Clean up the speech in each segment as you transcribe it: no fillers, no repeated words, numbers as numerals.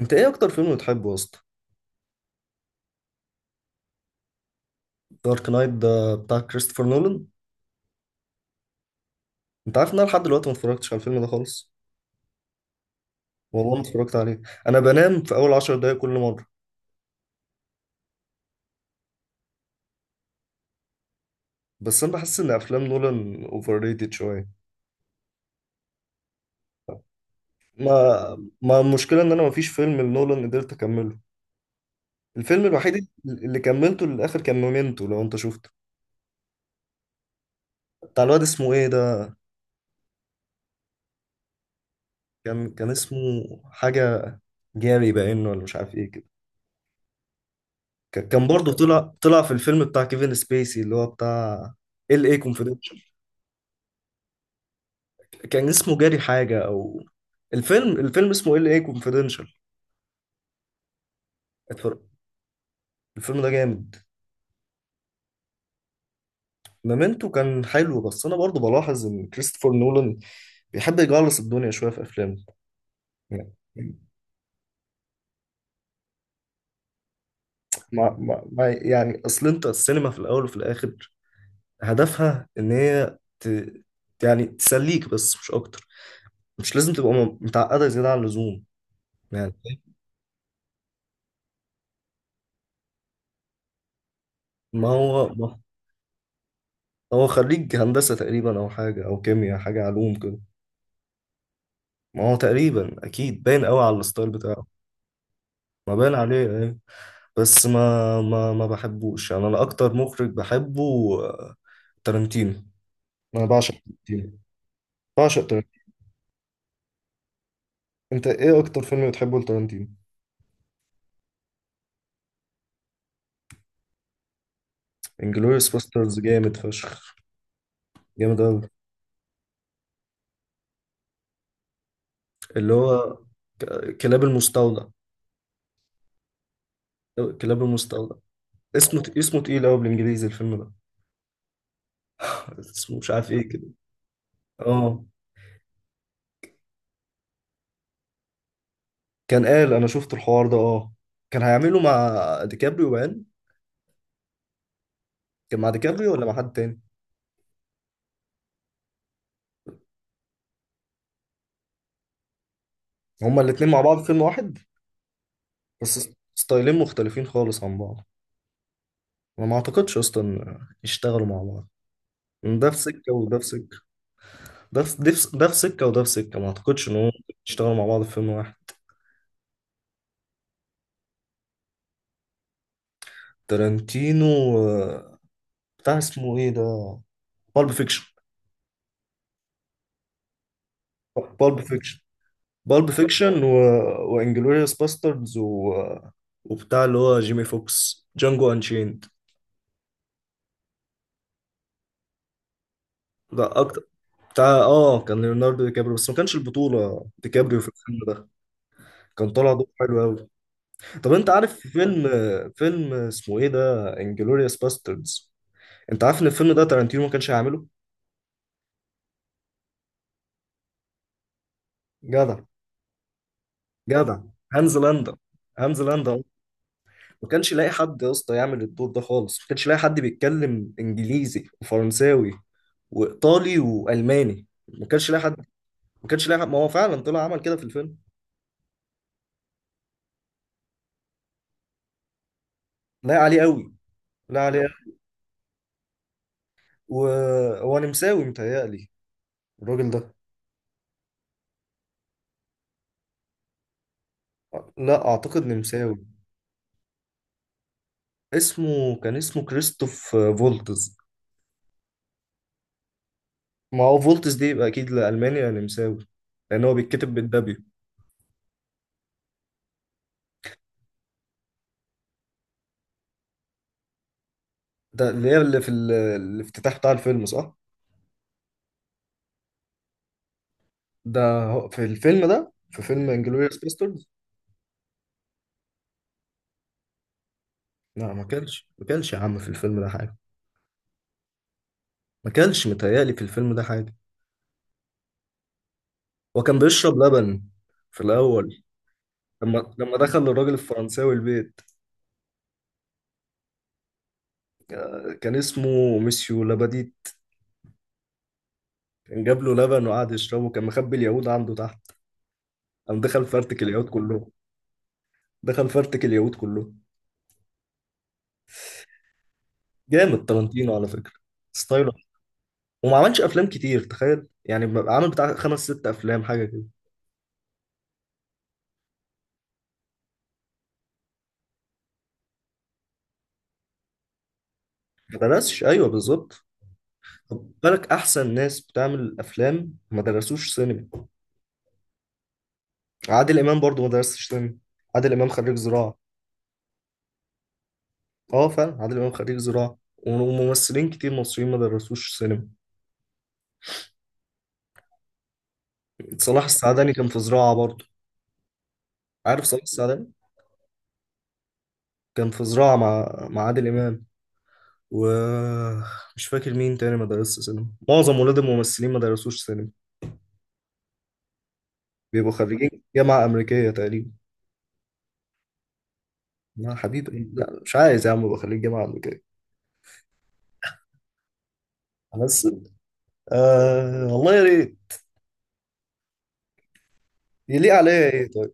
انت ايه اكتر فيلم بتحبه يا اسطى؟ دارك نايت ده بتاع كريستوفر نولان. انت عارف ان انا لحد دلوقتي ما اتفرجتش على الفيلم ده خالص. والله ما اتفرجت عليه. انا بنام في اول 10 دقايق كل مره. بس انا بحس ان افلام نولان اوفر ريتد شويه. ما ما المشكله ان انا ما فيش فيلم لنولان قدرت اكمله. الفيلم الوحيد اللي كملته للاخر كان مومنتو لو انت شفته. بتاع الواد اسمه ايه ده؟ كان اسمه حاجه، جاري باين ولا مش عارف ايه كده. كان برضه طلع في الفيلم بتاع كيفن سبيسي اللي هو بتاع ال اي. كان اسمه جاري حاجة أو... الفيلم اسمه LA Confidential. اتفرج، الفيلم ده جامد. مومنتو كان حلو، بس أنا برضو بلاحظ إن كريستوفر نولان بيحب يجعلص الدنيا شوية في أفلامه يعني. ما يعني، أصل أنت السينما في الأول وفي الآخر هدفها إن هي يعني تسليك بس مش أكتر. مش لازم تبقى متعقدة زيادة عن اللزوم يعني. ما هو ما هو خريج هندسة تقريبا، أو حاجة أو كيمياء، حاجة علوم كده. ما هو تقريبا اكيد باين قوي على الستايل بتاعه. ما باين عليه ايه. بس ما بحبوش يعني. انا اكتر مخرج بحبه آه، تارانتينو. انا بعشق تارانتينو. بعشق تارانتينو. انت ايه اكتر فيلم بتحبه لتارانتينو؟ انجلوريوس باسترز جامد فشخ. جامد قوي. اللي هو كلاب المستودع. كلاب المستودع. اسمه تقيل قوي بالانجليزي الفيلم ده. اسمه مش عارف ايه كده. اه، كان قال انا شفت الحوار ده، اه. كان هيعمله مع ديكابريو باين. كان مع ديكابريو ولا مع حد تاني؟ هما الاتنين مع بعض فيلم واحد؟ بس ستايلين مختلفين خالص عن بعض. انا ما اعتقدش اصلا إن يشتغلوا مع بعض. إن ده في سكة وده في سكة. ده في سكة وده في سكة، ما اعتقدش ان هم يشتغلوا مع بعض في فيلم واحد. تارانتينو آه، بتاع اسمه ايه ده؟ بالب فيكشن. بالب فيكشن بالب فيكشن و... وانجلوريوس باستردز وبتاع اللي هو جيمي فوكس، جانجو انشيند. ده اكتر. بتاع كان ليوناردو دي كابريو، بس ما كانش البطولة دي كابريو في الفيلم ده. كان طالع دور حلو قوي. طب انت عارف فيلم، اسمه ايه ده، انجلوريوس باستردز؟ انت عارف ان الفيلم ده تارانتينو ما كانش هيعمله؟ جدع. جدع هانز لاندا. هانز لاندا أهو. ما كانش لاقي حد يا اسطى يعمل الدور ده خالص، ما كانش لاقي حد بيتكلم انجليزي وفرنساوي وايطالي والماني. ما كانش لاقي حد، ما كانش لاقي حد، ما هو فعلا طلع عمل كده في الفيلم. لاقي عليه قوي. لاقي عليه قوي. وهو نمساوي متهيألي الراجل ده، لا اعتقد نمساوي. كان اسمه كريستوف فولتز. ما هو فولتز دي يبقى اكيد لالماني أو نمساوي، لان هو بيتكتب بالدبليو. ده اللي هي اللي في الافتتاح بتاع الفيلم، صح؟ في الفيلم ده، في فيلم انجلوريوس باستردز. لا ما كانش يا عم في الفيلم ده حاجه. ما كانش متهيألي في الفيلم ده حاجه. هو كان بيشرب لبن في الاول، لما دخل الراجل الفرنساوي البيت. كان اسمه ميسيو لاباديت. كان جاب له لبن وقعد يشربه، كان مخبي اليهود عنده تحت. قام دخل فرتك اليهود كلهم. دخل فرتك اليهود كله. جامد تارانتينو على فكرة، ستايله. وما عملش افلام كتير تخيل، يعني عامل بتاع خمس ست افلام حاجة كده. ما درسش، ايوه بالظبط. خد بالك، احسن ناس بتعمل افلام ما درسوش سينما. عادل امام برضو ما درسش سينما. عادل امام خريج زراعة. اه فعلا، عادل امام خريج زراعة. وممثلين كتير مصريين ما درسوش سينما. صلاح السعداني كان في زراعة برضو. عارف صلاح السعداني؟ كان في زراعة مع عادل امام. ومش فاكر مين تاني ما درسش سينما. معظم ولاد الممثلين ما درسوش سينما، بيبقوا خريجين جامعة أمريكية تقريبا. لا حبيبي، لا، مش عايز يا عم أبقى خريج جامعة أمريكية. أمثل؟ آه والله يا ريت. يليق عليا إيه طيب؟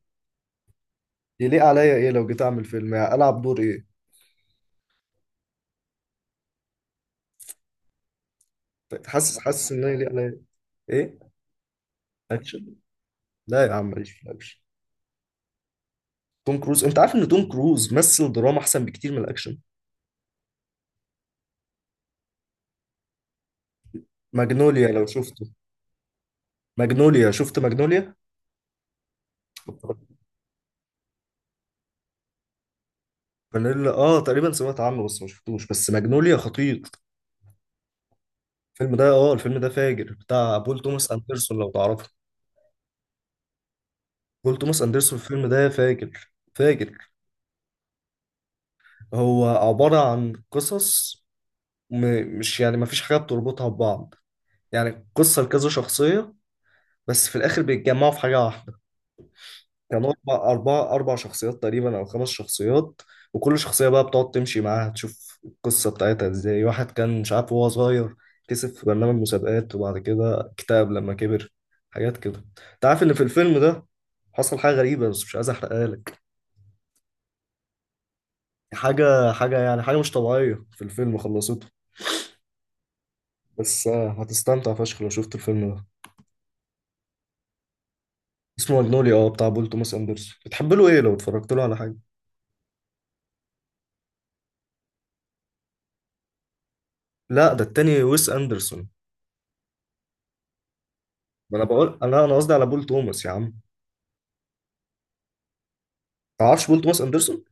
يليق عليا إيه لو جيت أعمل فيلم، يعني ألعب دور إيه؟ طيب، حاسس إن أنا يليق عليا إيه. أكشن؟ لا يا عم ماليش في الأكشن. توم كروز، أنت عارف إن توم كروز مثل دراما أحسن بكتير من الأكشن. ماجنوليا لو شفته. ماجنوليا، شفت ماجنوليا؟ فانيلا، تقريبا سمعت عنه بس ما شفتوش، بس ماجنوليا خطير. الفيلم ده، الفيلم ده فاجر، بتاع بول توماس اندرسون لو تعرفه. بول توماس اندرسون، الفيلم ده فاجر فاجر. هو عبارة عن قصص، م... مش يعني، ما فيش حاجة بتربطها ببعض. يعني قصة لكذا شخصية، بس في الآخر بيتجمعوا في حاجة واحدة. كانوا أربع شخصيات تقريبا أو خمس شخصيات. وكل شخصية بقى بتقعد تمشي معاها، تشوف القصة بتاعتها إزاي. واحد كان مش عارف وهو صغير، كسب في برنامج مسابقات وبعد كده اكتئب لما كبر، حاجات كده. أنت عارف إن في الفيلم ده حصل حاجة غريبة، بس مش عايز أحرقها لك. حاجة يعني، حاجة مش طبيعية في الفيلم خلصته. بس هتستمتع فشخ لو شفت الفيلم ده. اسمه ماجنوليا، بتاع بول توماس اندرسون. بتحب له ايه لو اتفرجت له على حاجة؟ لا ده التاني، ويس اندرسون. ما انا بقول، انا قصدي على بول توماس يا عم. تعرفش بول توماس اندرسون؟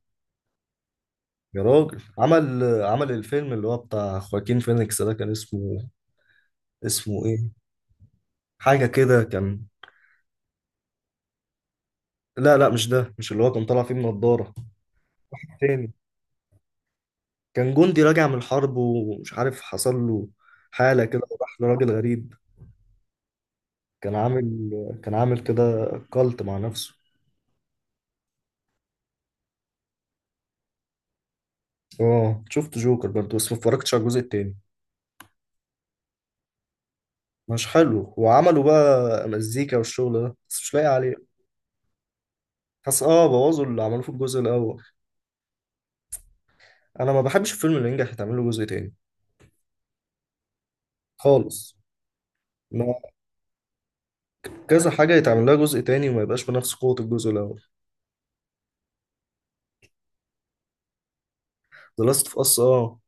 يا راجل، عمل الفيلم اللي هو بتاع خواكين فينيكس ده. كان اسمه ايه، حاجه كده كان. لا، لا، مش ده، مش اللي هو كان طالع فيه من نضاره. تاني، كان جندي راجع من الحرب ومش عارف حصل له حاله كده، وراح لراجل غريب. كان عامل كان عامل كده، كالت مع نفسه. اه شفت جوكر برضه، بس ما اتفرجتش على الجزء التاني. مش حلو، وعملوا بقى مزيكا والشغل ده، بس مش لاقي عليه. حس، بوظوا اللي عملوه في الجزء الاول. انا ما بحبش الفيلم اللي ينجح يتعمل له جزء تاني خالص. ما كذا حاجه يتعمل لها جزء تاني وما يبقاش بنفس قوه الجزء الاول. The Last of Us، اه.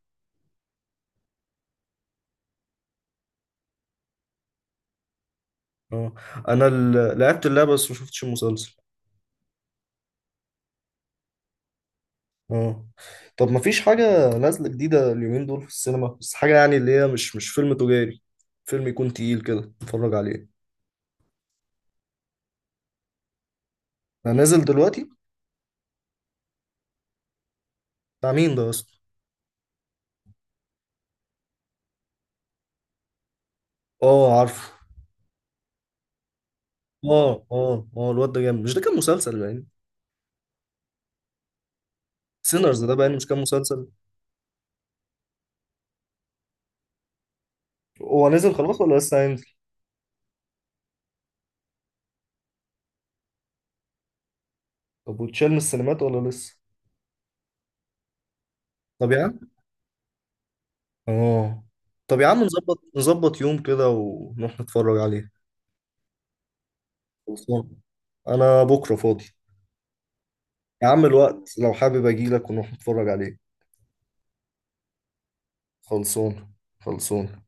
اه. انا لعبت اللعبه بس ما شفتش المسلسل. اه. طب ما فيش حاجه نازله جديده اليومين دول في السينما، بس حاجه يعني اللي هي مش فيلم تجاري، فيلم يكون تقيل كده اتفرج عليه. انا نازل دلوقتي. بتاع مين ده اصلا؟ اه عارفه. اه اه اه، الواد ده جامد. مش ده كان مسلسل يعني؟ سينرز ده بقى مش كان مسلسل؟ هو نزل خلاص ولا لسه هينزل؟ طب وتشال من السينمات ولا لسه؟ طب يا عم، اه نظبط يوم كده ونروح نتفرج عليه. خلصان. انا بكره فاضي. يا عم الوقت لو حابب اجي لك ونروح نتفرج عليه. خلصان خلصان.